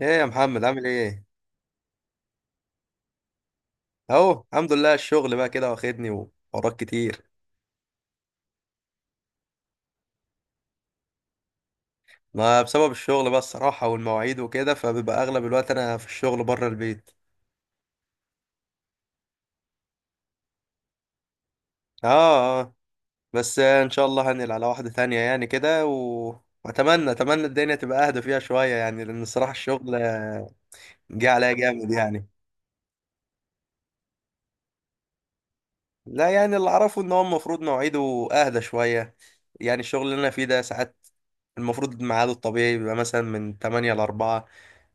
ايه يا محمد، عامل ايه؟ اهو الحمد لله، الشغل بقى كده واخدني وحوارات كتير. ما بسبب الشغل بقى الصراحة والمواعيد وكده، فبيبقى اغلب الوقت انا في الشغل بره البيت. اه، اه. بس ان شاء الله هنقل على واحدة تانية يعني كده واتمنى الدنيا تبقى اهدى فيها شوية، يعني لان الصراحة الشغل جه عليا جامد يعني. لا يعني اللي اعرفه ان هو المفروض مواعيده اهدى شوية. يعني الشغل اللي انا فيه ده ساعات المفروض ميعاده الطبيعي بيبقى مثلا من 8 ل 4.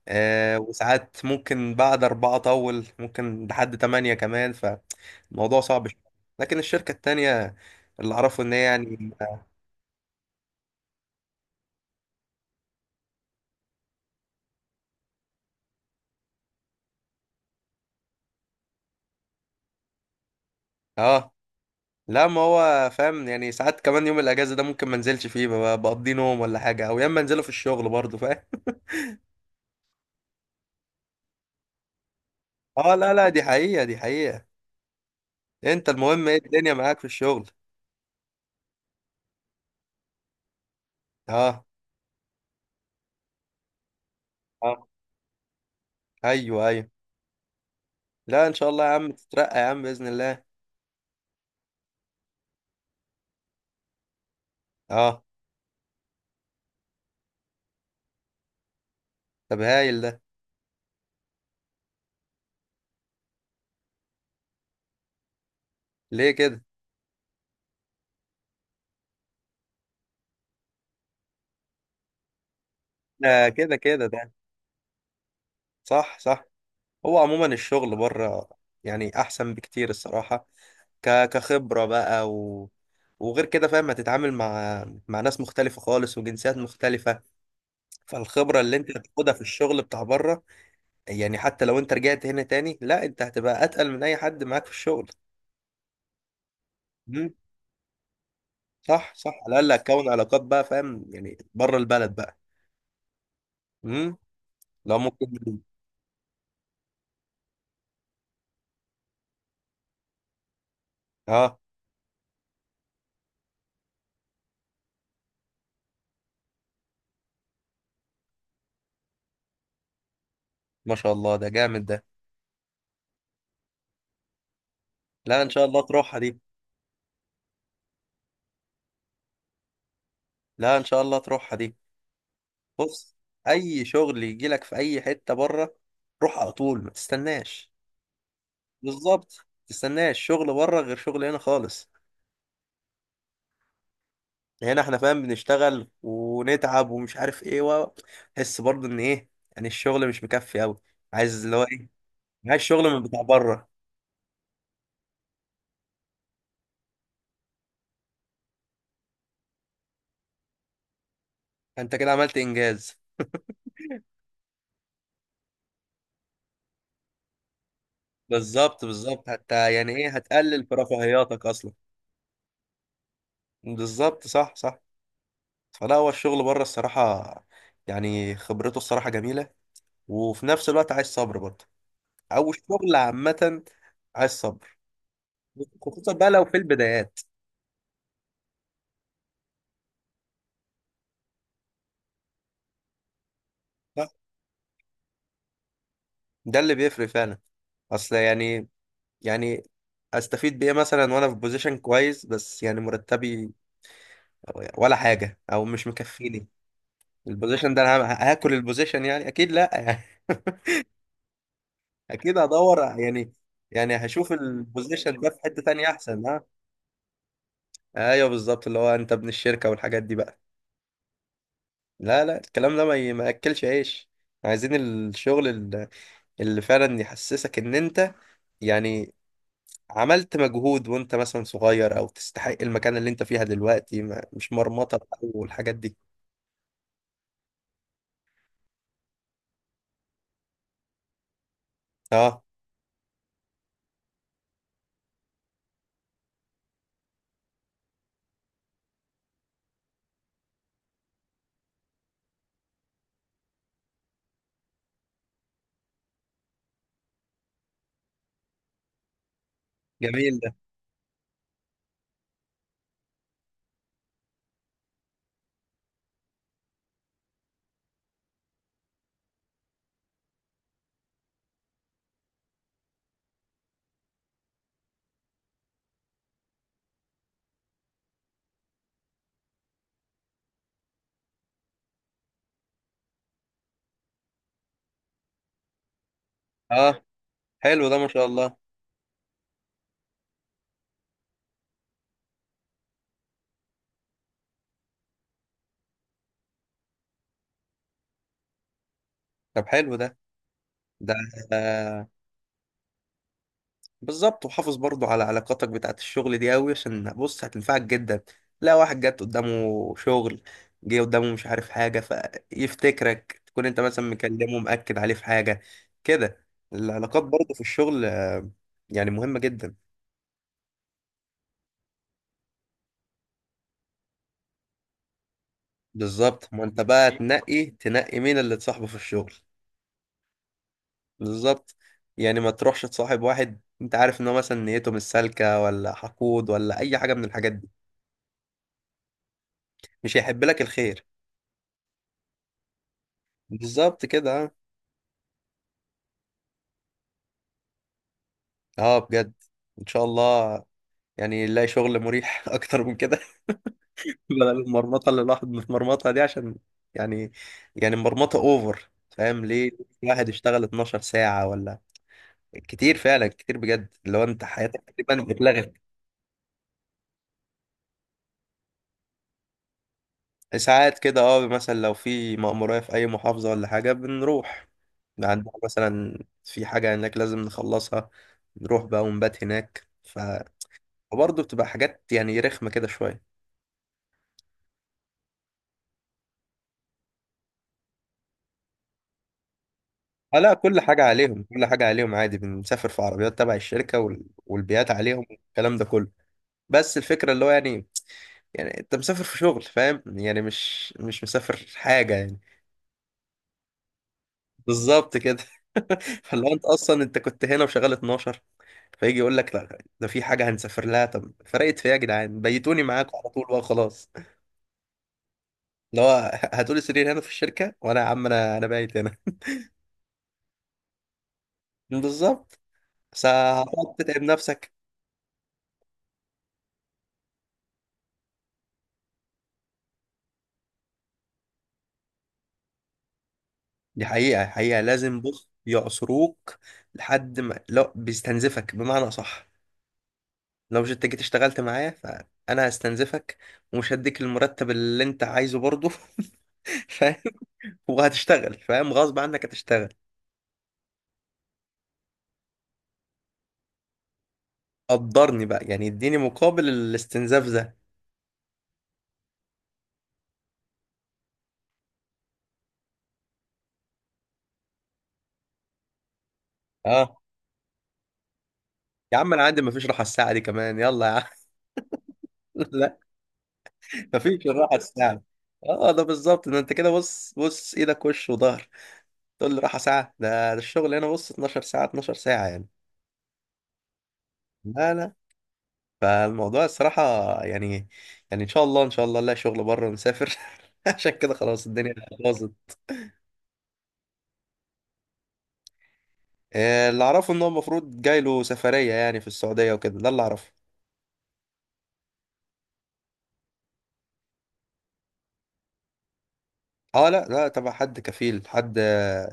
وساعات ممكن بعد 4 أطول، ممكن لحد 8 كمان، فالموضوع صعب شوية. لكن الشركة التانية اللي أعرفه إن هي يعني. آه، لا، ما هو فاهم، يعني ساعات كمان يوم الأجازة ده ممكن ما انزلش فيه، بقضي نوم ولا حاجة، أو يا إما انزله في الشغل برضه فاهم. آه، لا، لا، دي حقيقة دي حقيقة. أنت، المهم إيه الدنيا معاك في الشغل؟ آه، آه. أيوه، أيوه. لا، إن شاء الله يا عم تترقى يا عم بإذن الله. آه. طب هايل ده. ليه كده؟ ده كده كده ده. صح، صح. هو عموما الشغل بره يعني احسن بكتير الصراحه، كخبره بقى، وغير كده فاهم، هتتعامل مع ناس مختلفه خالص وجنسيات مختلفه. فالخبره اللي انت هتاخدها في الشغل بتاع بره، يعني حتى لو انت رجعت هنا تاني، لا انت هتبقى اتقل من اي حد معاك في الشغل. امم. صح، صح، على الاقل هتكون علاقات بقى فاهم، يعني بره البلد بقى. امم. لو ممكن. اه، ما شاء الله ده جامد ده. لا ان شاء الله تروحها دي. لا ان شاء الله تروحها دي. بص، اي شغل يجي لك في اي حته بره، روح على طول ما تستناش. بالظبط، ما تستناش شغل بره غير شغل هنا خالص. هنا احنا فاهم بنشتغل ونتعب ومش عارف ايه و تحس برضه ان ايه، يعني الشغل مش مكفي قوي، عايز اللي هو ايه، عايز شغل من بتاع بره. انت كده عملت انجاز. بالظبط بالظبط، حتى يعني ايه، هتقلل في رفاهياتك اصلا. بالظبط، صح، صح. فلا هو الشغل بره الصراحه، يعني خبرته الصراحه جميله، وفي نفس الوقت عايز صبر برضه، او الشغل عامه عايز صبر، خصوصا بقى لو في البدايات. لا ده اللي بيفرق فعلا، اصل يعني، يعني استفيد بايه مثلا وانا في بوزيشن كويس، بس يعني مرتبي ولا حاجه او مش مكفيني. البوزيشن ده انا هاكل البوزيشن يعني، اكيد لا يعني. اكيد هدور يعني، يعني هشوف البوزيشن ده في حته تانية احسن، ها. ايوه بالظبط، اللي هو انت ابن الشركه والحاجات دي بقى. لا لا، الكلام ده ما ياكلش عيش. عايزين الشغل اللي فعلا يحسسك ان انت يعني عملت مجهود، وانت مثلا صغير، او تستحق المكان اللي انت فيها دلوقتي، ما مش مرمطة بقى والحاجات دي. اه، جميل ده. اه، حلو ده، ما شاء الله. طب حلو ده. ده بالظبط، وحافظ برضو على علاقاتك بتاعت الشغل دي قوي، عشان بص هتنفعك جدا. لا واحد جت قدامه شغل، جه قدامه مش عارف حاجة، فيفتكرك تكون انت مثلا مكلمه مأكد عليه في حاجة، كده. العلاقات برضو في الشغل يعني مهمة جدا. بالظبط، ما انت بقى تنقي تنقي مين اللي تصاحبه في الشغل. بالظبط، يعني ما تروحش تصاحب واحد انت عارف ان هو مثلا نيته مش سالكة، ولا حقود، ولا اي حاجة من الحاجات دي. مش هيحب لك الخير. بالظبط كده. اه بجد، ان شاء الله، يعني نلاقي شغل مريح اكتر من كده. بدل المرمطه اللي الواحد متمرمطها دي، عشان يعني مرمطه اوفر، فاهم ليه؟ الواحد يشتغل 12 ساعه ولا كتير، فعلا كتير بجد، اللي هو انت حياتك تقريبا اتلغت. ساعات كده مثلا لو في مأمورية في اي محافظه ولا حاجه، بنروح. عندنا مثلا في حاجه هناك لازم نخلصها، نروح بقى ونبات هناك، فبرضه بتبقى حاجات يعني رخمه كده شويه. اه، لا كل حاجة عليهم، كل حاجة عليهم عادي، بنسافر في عربيات تبع الشركة، والبيات عليهم والكلام ده كله. بس الفكرة اللي هو يعني، انت مسافر في شغل فاهم، يعني مش مسافر حاجة يعني. بالظبط كده. فاللي هو انت اصلا، انت كنت هنا وشغال 12، فيجي يقول لك لا ده في حاجة هنسافر لها، طب فرقت في ايه يا جدعان، بيتوني معاكم على طول بقى خلاص. اللي هو هاتولي سرير هنا في الشركة، وانا يا عم انا بايت هنا. بالظبط. بس هتقعد تتعب نفسك. دي حقيقة حقيقة، لازم بص يعصروك لحد ما، لا بيستنزفك بمعنى صح. لو مش انت جيت اشتغلت معايا فأنا هستنزفك، ومش هديك المرتب اللي انت عايزه برضه، فاهم؟ وهتشتغل فاهم، غصب عنك هتشتغل. قدرني بقى، يعني اديني مقابل الاستنزاف ده. اه، يا عم انا عندي مفيش راحة الساعة دي كمان، يلا يا عم. لا، مفيش الراحة الساعة. اه، ده بالظبط، ده انت كده بص، بص ايدك وش وظهر، تقول لي راحة ساعة ده؟ ده الشغل هنا بص 12 ساعة 12 ساعة يعني. لا، لا. فالموضوع الصراحة يعني، إن شاء الله إن شاء الله نلاقي شغل بره ونسافر عشان كده خلاص، الدنيا باظت. اللي أعرفه إن هو المفروض جاي له سفرية، يعني في السعودية وكده، ده اللي أعرفه. أه، لا، لا، تبع حد كفيل، حد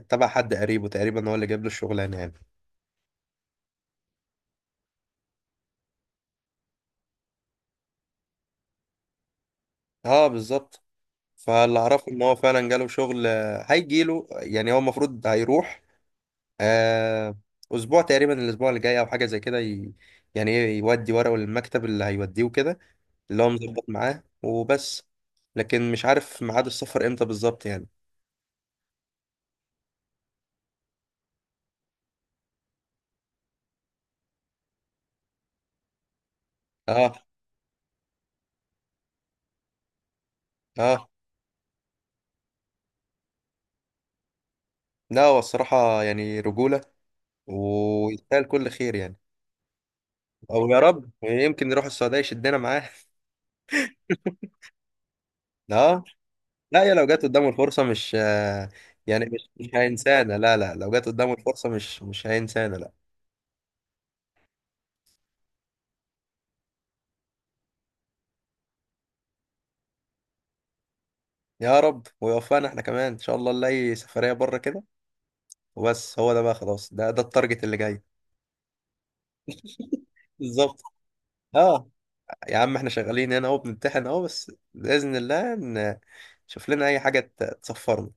تبع حد قريبه تقريبا هو اللي جاب له الشغلانة يعني. أه بالظبط. فاللي أعرفه إن هو فعلا جاله شغل هيجيله، يعني هو المفروض هيروح آه، أسبوع تقريبا، الأسبوع اللي جاي أو حاجة زي كده، يعني إيه، يودي ورقه للمكتب اللي هيوديه وكده، اللي هو مظبط معاه وبس. لكن مش عارف ميعاد السفر امتى بالظبط يعني. اه، اه. لا، هو الصراحة يعني رجولة، ويستاهل كل خير يعني. او يا رب يمكن يروح السعودية يشدنا معاه. اه. لا يا، لو جت قدامه الفرصة مش يعني مش هينسانا، لا، لا، لو جت قدامه الفرصة مش هينسانا لا. يا رب، ويوفقنا احنا كمان ان شاء الله نلاقي سفرية بره كده. وبس هو ده بقى خلاص، ده التارجت اللي جاي. بالظبط. اه، يا عم احنا شغالين هنا اهو بنمتحن اهو، بس بإذن الله نشوف لنا أي حاجة تصفرنا.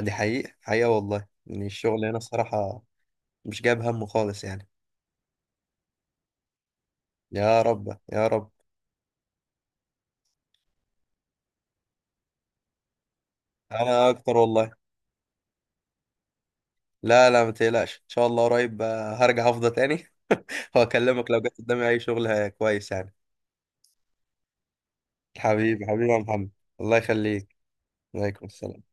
دي حقيقة حقيقة والله، يعني الشغل هنا الصراحة مش جايب همه خالص يعني. يا رب، يا رب. أنا أكتر والله. لا لا ما تقلقش، إن شاء الله قريب هرجع أفضى تاني. وأكلمك لو جت قدامي أي شغل كويس يعني. حبيبي حبيبي يا محمد. الله يخليك. عليكم السلام.